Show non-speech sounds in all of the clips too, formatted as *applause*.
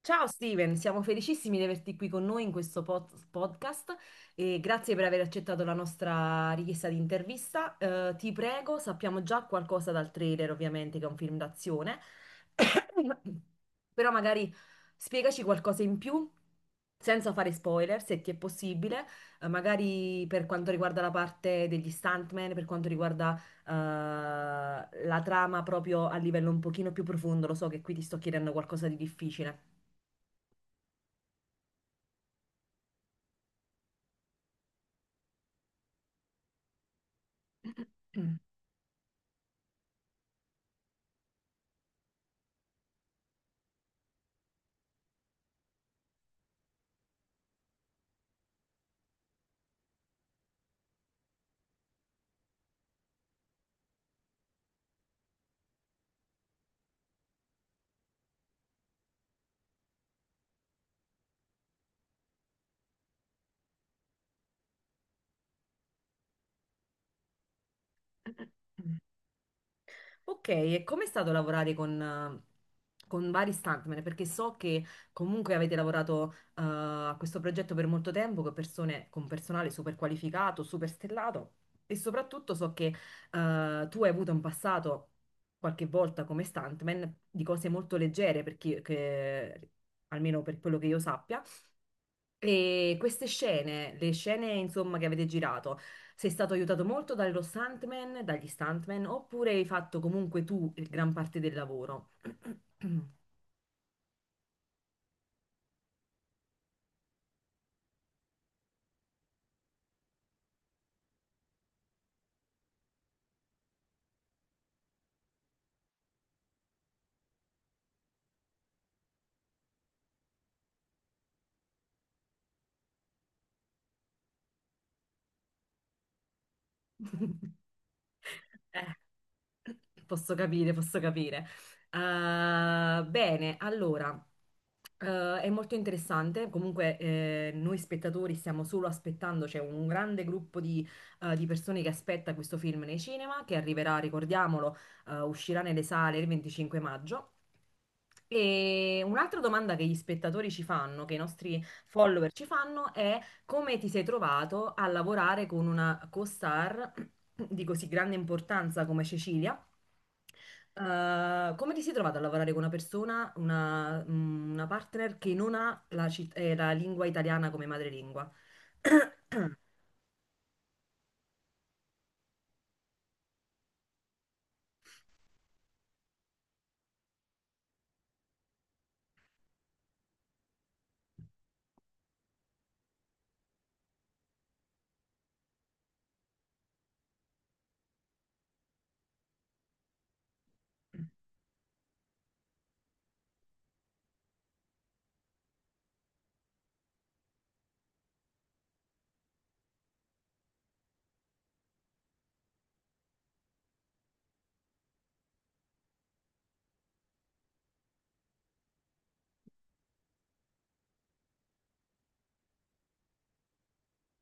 Ciao Steven, siamo felicissimi di averti qui con noi in questo podcast e grazie per aver accettato la nostra richiesta di intervista. Ti prego, sappiamo già qualcosa dal trailer, ovviamente, che è un film d'azione, *coughs* però magari spiegaci qualcosa in più senza fare spoiler, se ti è possibile, magari per quanto riguarda la parte degli stuntman, per quanto riguarda eh, la trama proprio a livello un pochino più profondo. Lo so che qui ti sto chiedendo qualcosa di difficile. Ok, e com'è stato lavorare con vari stuntman? Perché so che comunque avete lavorato a questo progetto per molto tempo con persone, con personale super qualificato, super stellato, e soprattutto so che tu hai avuto in passato qualche volta come stuntman di cose molto leggere, almeno per quello che io sappia. E queste scene, le scene insomma che avete girato, sei stato aiutato molto dallo stuntman, dagli stuntman, oppure hai fatto comunque tu gran parte del lavoro? *clears throat* Eh, posso capire, posso capire. Bene, allora, è molto interessante. Comunque, noi spettatori stiamo solo aspettando, c'è un grande gruppo di persone che aspetta questo film nei cinema, che arriverà, ricordiamolo, uscirà nelle sale il 25 maggio. E un'altra domanda che gli spettatori ci fanno, che i nostri follower ci fanno, è come ti sei trovato a lavorare con una co-star di così grande importanza come Cecilia? Come ti sei trovato a lavorare con una persona, una, mm, una partner che non ha la, la lingua italiana come madrelingua? *clears throat*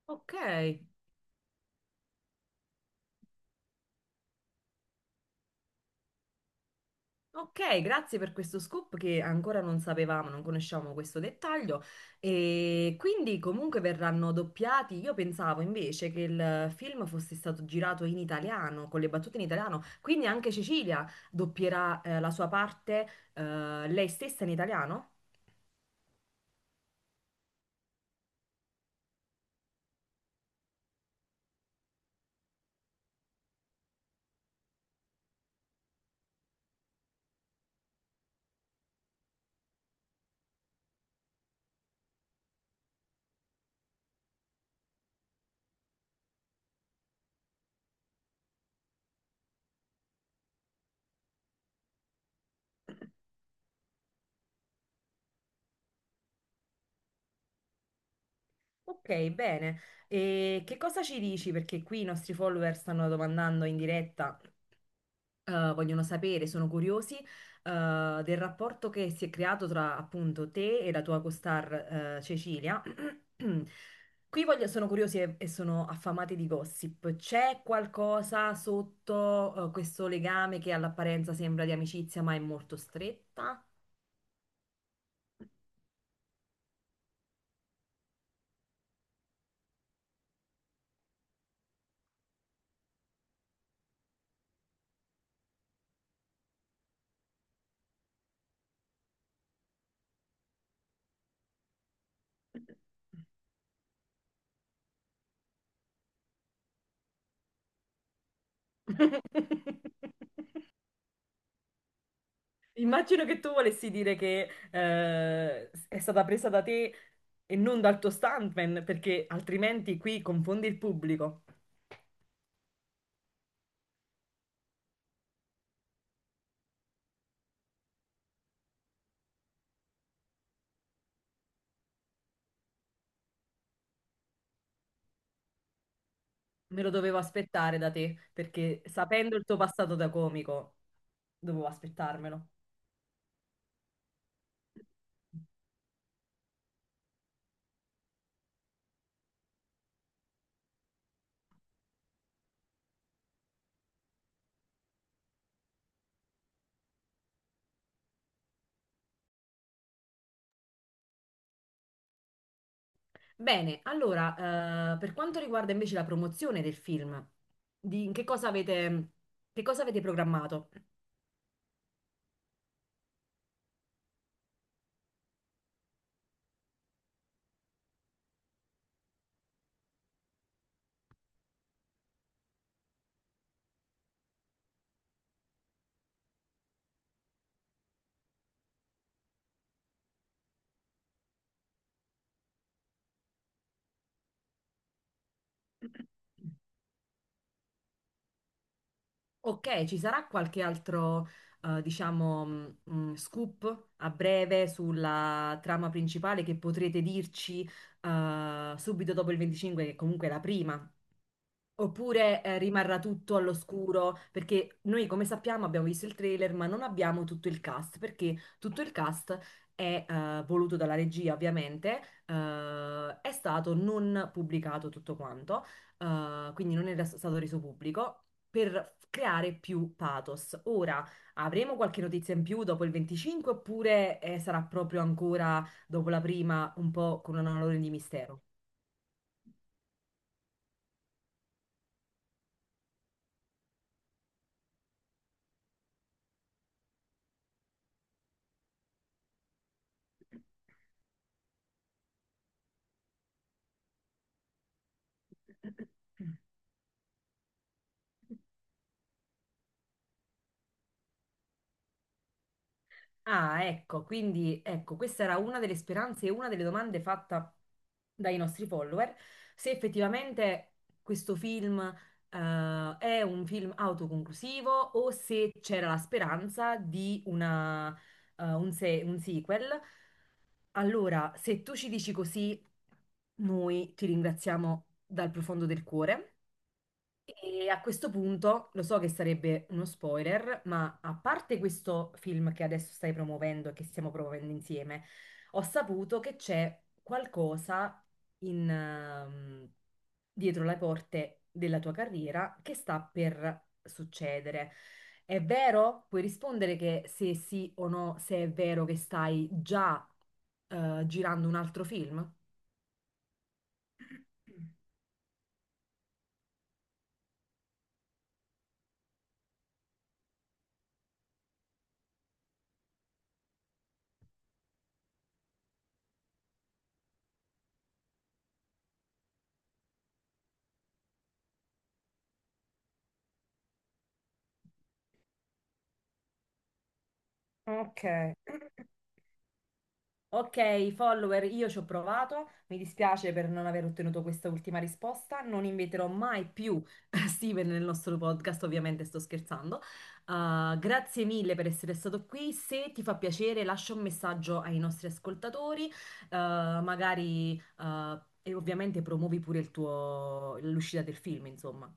Ok. Ok, grazie per questo scoop che ancora non sapevamo, non conosciamo questo dettaglio. E quindi comunque verranno doppiati. Io pensavo invece che il film fosse stato girato in italiano, con le battute in italiano, quindi anche Cecilia doppierà la sua parte lei stessa in italiano? Ok, bene. E che cosa ci dici? Perché qui i nostri follower stanno domandando in diretta. Vogliono sapere, sono curiosi, del rapporto che si è creato tra appunto te e la tua costar, Cecilia. *clears throat* Sono curiosi e sono affamati di gossip. C'è qualcosa sotto, questo legame che all'apparenza sembra di amicizia, ma è molto stretta? *laughs* Immagino che tu volessi dire che è stata presa da te e non dal tuo stuntman, perché altrimenti qui confondi il pubblico. Me lo dovevo aspettare da te, perché sapendo il tuo passato da comico, dovevo aspettarmelo. Bene, allora, per quanto riguarda invece la promozione del film, di in che cosa avete programmato? Ok, ci sarà qualche altro, diciamo, scoop a breve sulla trama principale che potrete dirci, subito dopo il 25, che comunque è la prima. Oppure rimarrà tutto all'oscuro, perché noi come sappiamo abbiamo visto il trailer, ma non abbiamo tutto il cast, perché tutto il cast è voluto dalla regia, ovviamente, è stato non pubblicato tutto quanto, quindi non era stato reso pubblico. Per creare più pathos. Ora avremo qualche notizia in più dopo il 25, oppure sarà proprio ancora dopo la prima, un po' con un alone di mistero? *coughs* *clears throat* Ah, ecco, quindi ecco, questa era una delle speranze e una delle domande fatta dai nostri follower, se effettivamente questo film è un film autoconclusivo o se c'era la speranza di una, un sequel. Allora, se tu ci dici così, noi ti ringraziamo dal profondo del cuore. E a questo punto lo so che sarebbe uno spoiler, ma a parte questo film che adesso stai promuovendo e che stiamo promuovendo insieme, ho saputo che c'è qualcosa in, dietro le porte della tua carriera che sta per succedere. È vero? Puoi rispondere che se sì o no, se è vero che stai già girando un altro film? Ok. Ok, follower, io ci ho provato, mi dispiace per non aver ottenuto questa ultima risposta, non inviterò mai più *laughs* Steven nel nostro podcast, ovviamente sto scherzando. Grazie mille per essere stato qui, se ti fa piacere lascia un messaggio ai nostri ascoltatori, magari e ovviamente promuovi pure l'uscita del film, insomma.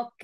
Ok,